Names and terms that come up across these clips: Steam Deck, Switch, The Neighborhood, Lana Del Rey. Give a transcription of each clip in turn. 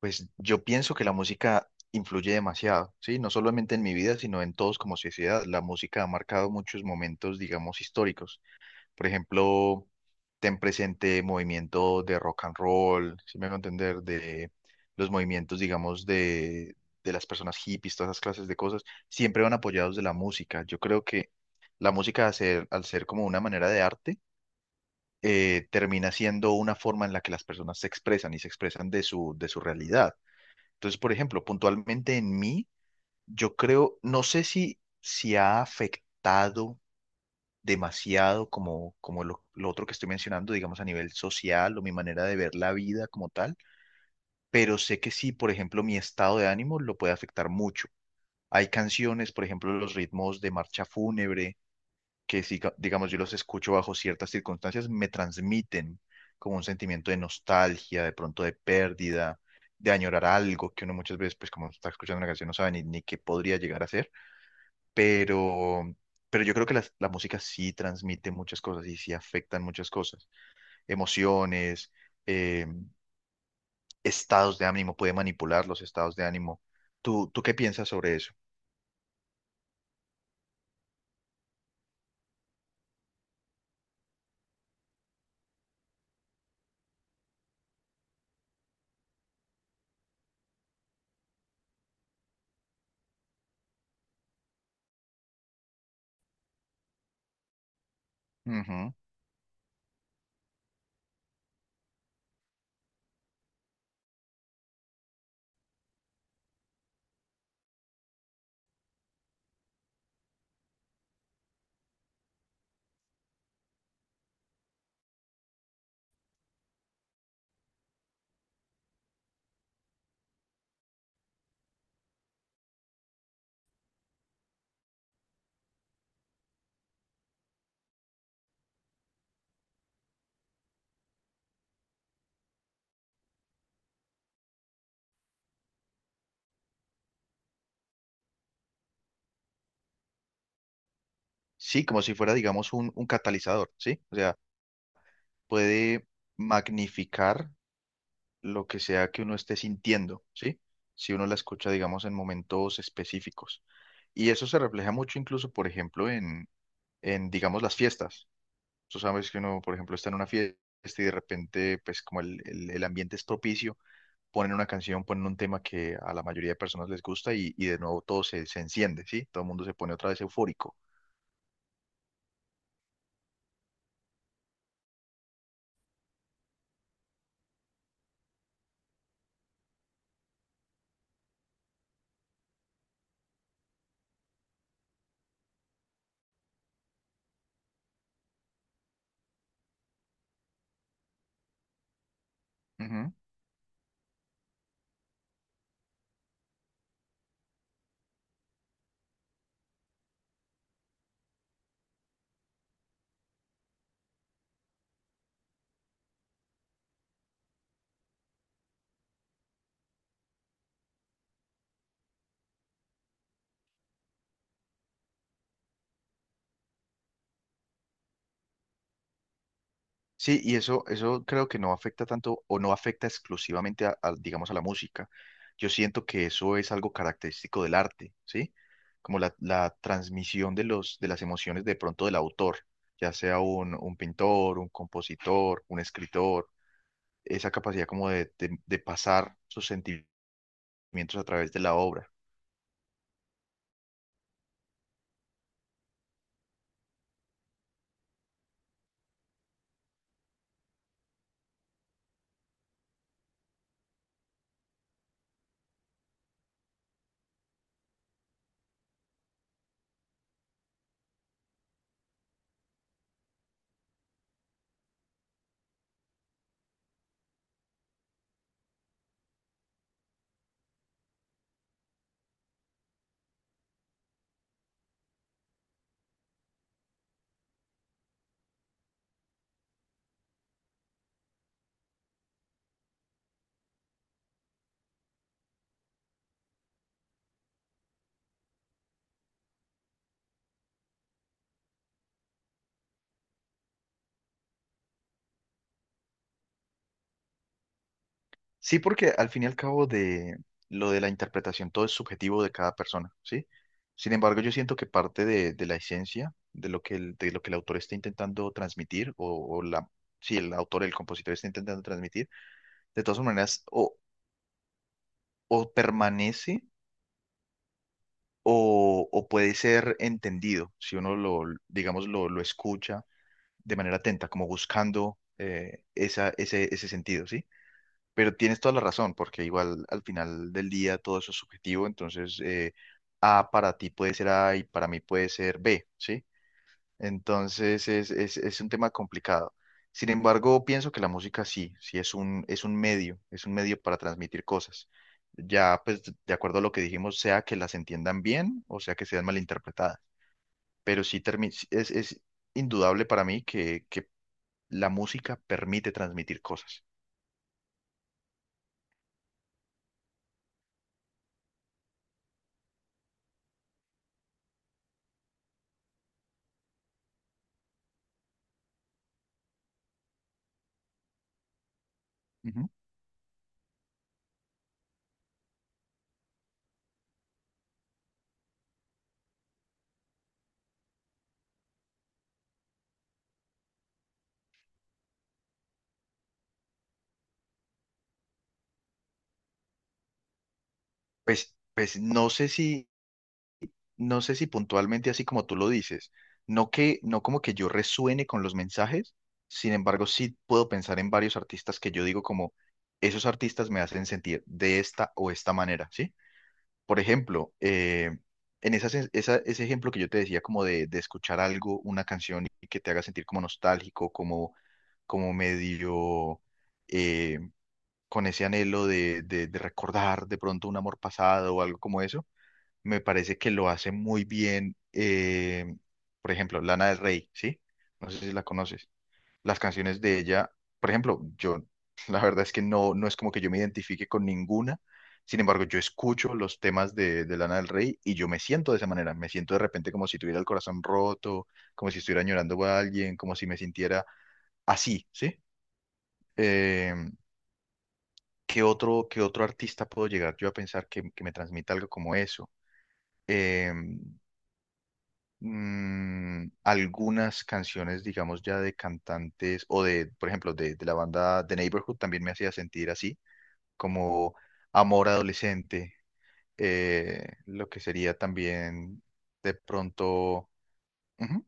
Pues yo pienso que la música influye demasiado, ¿sí? No solamente en mi vida, sino en todos como sociedad. La música ha marcado muchos momentos, digamos, históricos. Por ejemplo, ten presente movimiento de rock and roll, si me hago entender, de los movimientos, digamos, de las personas hippies, todas esas clases de cosas, siempre van apoyados de la música. Yo creo que la música, al ser como una manera de arte, termina siendo una forma en la que las personas se expresan y se expresan de su realidad. Entonces, por ejemplo, puntualmente en mí, yo creo, no sé si ha afectado demasiado como, como lo otro que estoy mencionando, digamos a nivel social o mi manera de ver la vida como tal, pero sé que sí, por ejemplo, mi estado de ánimo lo puede afectar mucho. Hay canciones, por ejemplo, los ritmos de marcha fúnebre que si, digamos, yo los escucho bajo ciertas circunstancias, me transmiten como un sentimiento de nostalgia, de pronto de pérdida, de añorar algo que uno muchas veces, pues como está escuchando una canción, no sabe ni qué podría llegar a ser, pero, pero yo creo que la música sí transmite muchas cosas y sí afectan muchas cosas, emociones, eh, estados de ánimo, puede manipular los estados de ánimo. ¿Tú qué piensas sobre eso? Ujú. Sí, como si fuera, digamos, un catalizador, ¿sí? O sea, puede magnificar lo que sea que uno esté sintiendo, ¿sí? Si uno la escucha, digamos, en momentos específicos. Y eso se refleja mucho incluso, por ejemplo, en digamos, las fiestas. Tú sabes que uno, por ejemplo, está en una fiesta y de repente, pues como el ambiente es propicio, ponen una canción, ponen un tema que a la mayoría de personas les gusta y de nuevo todo se enciende, ¿sí? Todo el mundo se pone otra vez eufórico. Sí, y eso creo que no afecta tanto o no afecta exclusivamente a, digamos, a la música. Yo siento que eso es algo característico del arte, ¿sí? Como la transmisión de los, de las emociones de pronto del autor, ya sea un pintor, un compositor, un escritor, esa capacidad como de, de pasar sus sentimientos a través de la obra. Sí, porque al fin y al cabo de lo de la interpretación, todo es subjetivo de cada persona, ¿sí? Sin embargo, yo siento que parte de la esencia de lo que el, de lo que el autor está intentando transmitir, o la, sí el autor, el compositor está intentando transmitir, de todas maneras, o permanece o puede ser entendido, si uno lo, digamos, lo escucha de manera atenta, como buscando esa, ese sentido, ¿sí? Pero tienes toda la razón, porque igual al final del día todo eso es subjetivo, entonces A para ti puede ser A y para mí puede ser B, ¿sí? Entonces es un tema complicado. Sin embargo, pienso que la música sí, sí es un medio para transmitir cosas. Ya, pues, de acuerdo a lo que dijimos, sea que las entiendan bien o sea que sean malinterpretadas, pero sí sí es indudable para mí que la música permite transmitir cosas. Ujú. Pues no sé si no sé si puntualmente así como tú lo dices, no que, no como que yo resuene con los mensajes, sin embargo sí puedo pensar en varios artistas que yo digo como, esos artistas me hacen sentir de esta o esta manera, ¿sí? Por ejemplo, en ese ejemplo que yo te decía como de escuchar algo, una canción y que te haga sentir como nostálgico, como, como medio... eh, con ese anhelo de, de recordar de pronto un amor pasado o algo como eso me parece que lo hace muy bien, por ejemplo, Lana del Rey, ¿sí? No sé si la conoces. Las canciones de ella, por ejemplo, yo, la verdad es que no, no es como que yo me identifique con ninguna, sin embargo, yo escucho los temas de Lana del Rey y yo me siento de esa manera, me siento de repente como si tuviera el corazón roto, como si estuviera llorando a alguien, como si me sintiera así, ¿sí? Eh, qué otro artista puedo llegar yo a pensar que me transmita algo como eso? Eh, algunas canciones, digamos, ya de cantantes o de, por ejemplo, de la banda The Neighborhood también me hacía sentir así, como amor adolescente, lo que sería también de pronto... ujú.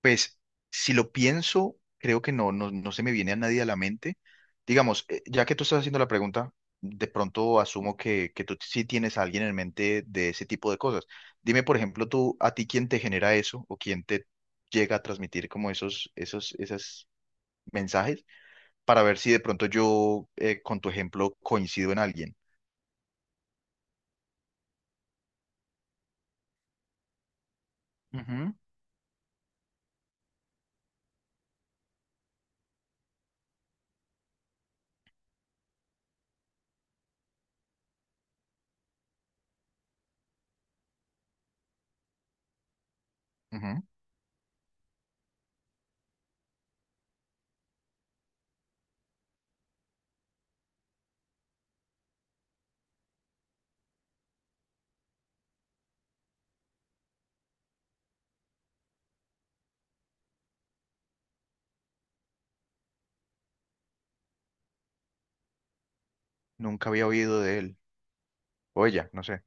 Pues si lo pienso, creo que no, no, no se me viene a nadie a la mente. Digamos, ya que tú estás haciendo la pregunta, de pronto asumo que tú sí tienes a alguien en mente de ese tipo de cosas. Dime, por ejemplo, tú, a ti quién te genera eso o quién te llega a transmitir como esos, esos, esos mensajes para ver si de pronto yo, con tu ejemplo, coincido en alguien. Ujú, ujú. Nunca había oído de él. O ella, no sé.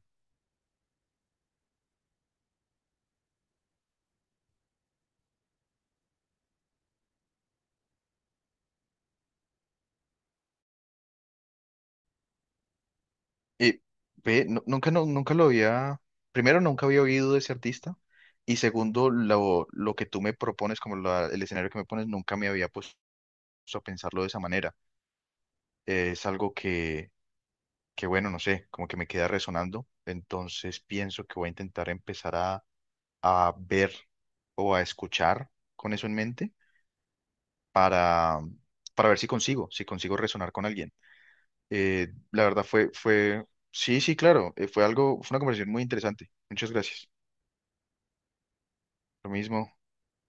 Y ve, nunca, nunca lo había, primero nunca había oído de ese artista y segundo lo que tú me propones, como el escenario que me pones, nunca me había puesto a pensarlo de esa manera. Es algo que, bueno, no sé, como que me queda resonando, entonces pienso que voy a intentar empezar a ver o a escuchar con eso en mente para para ver si consigo, si consigo resonar con alguien. La verdad fue, fue, sí, sí, claro, fue algo, fue una conversación muy interesante. Muchas gracias. Lo mismo.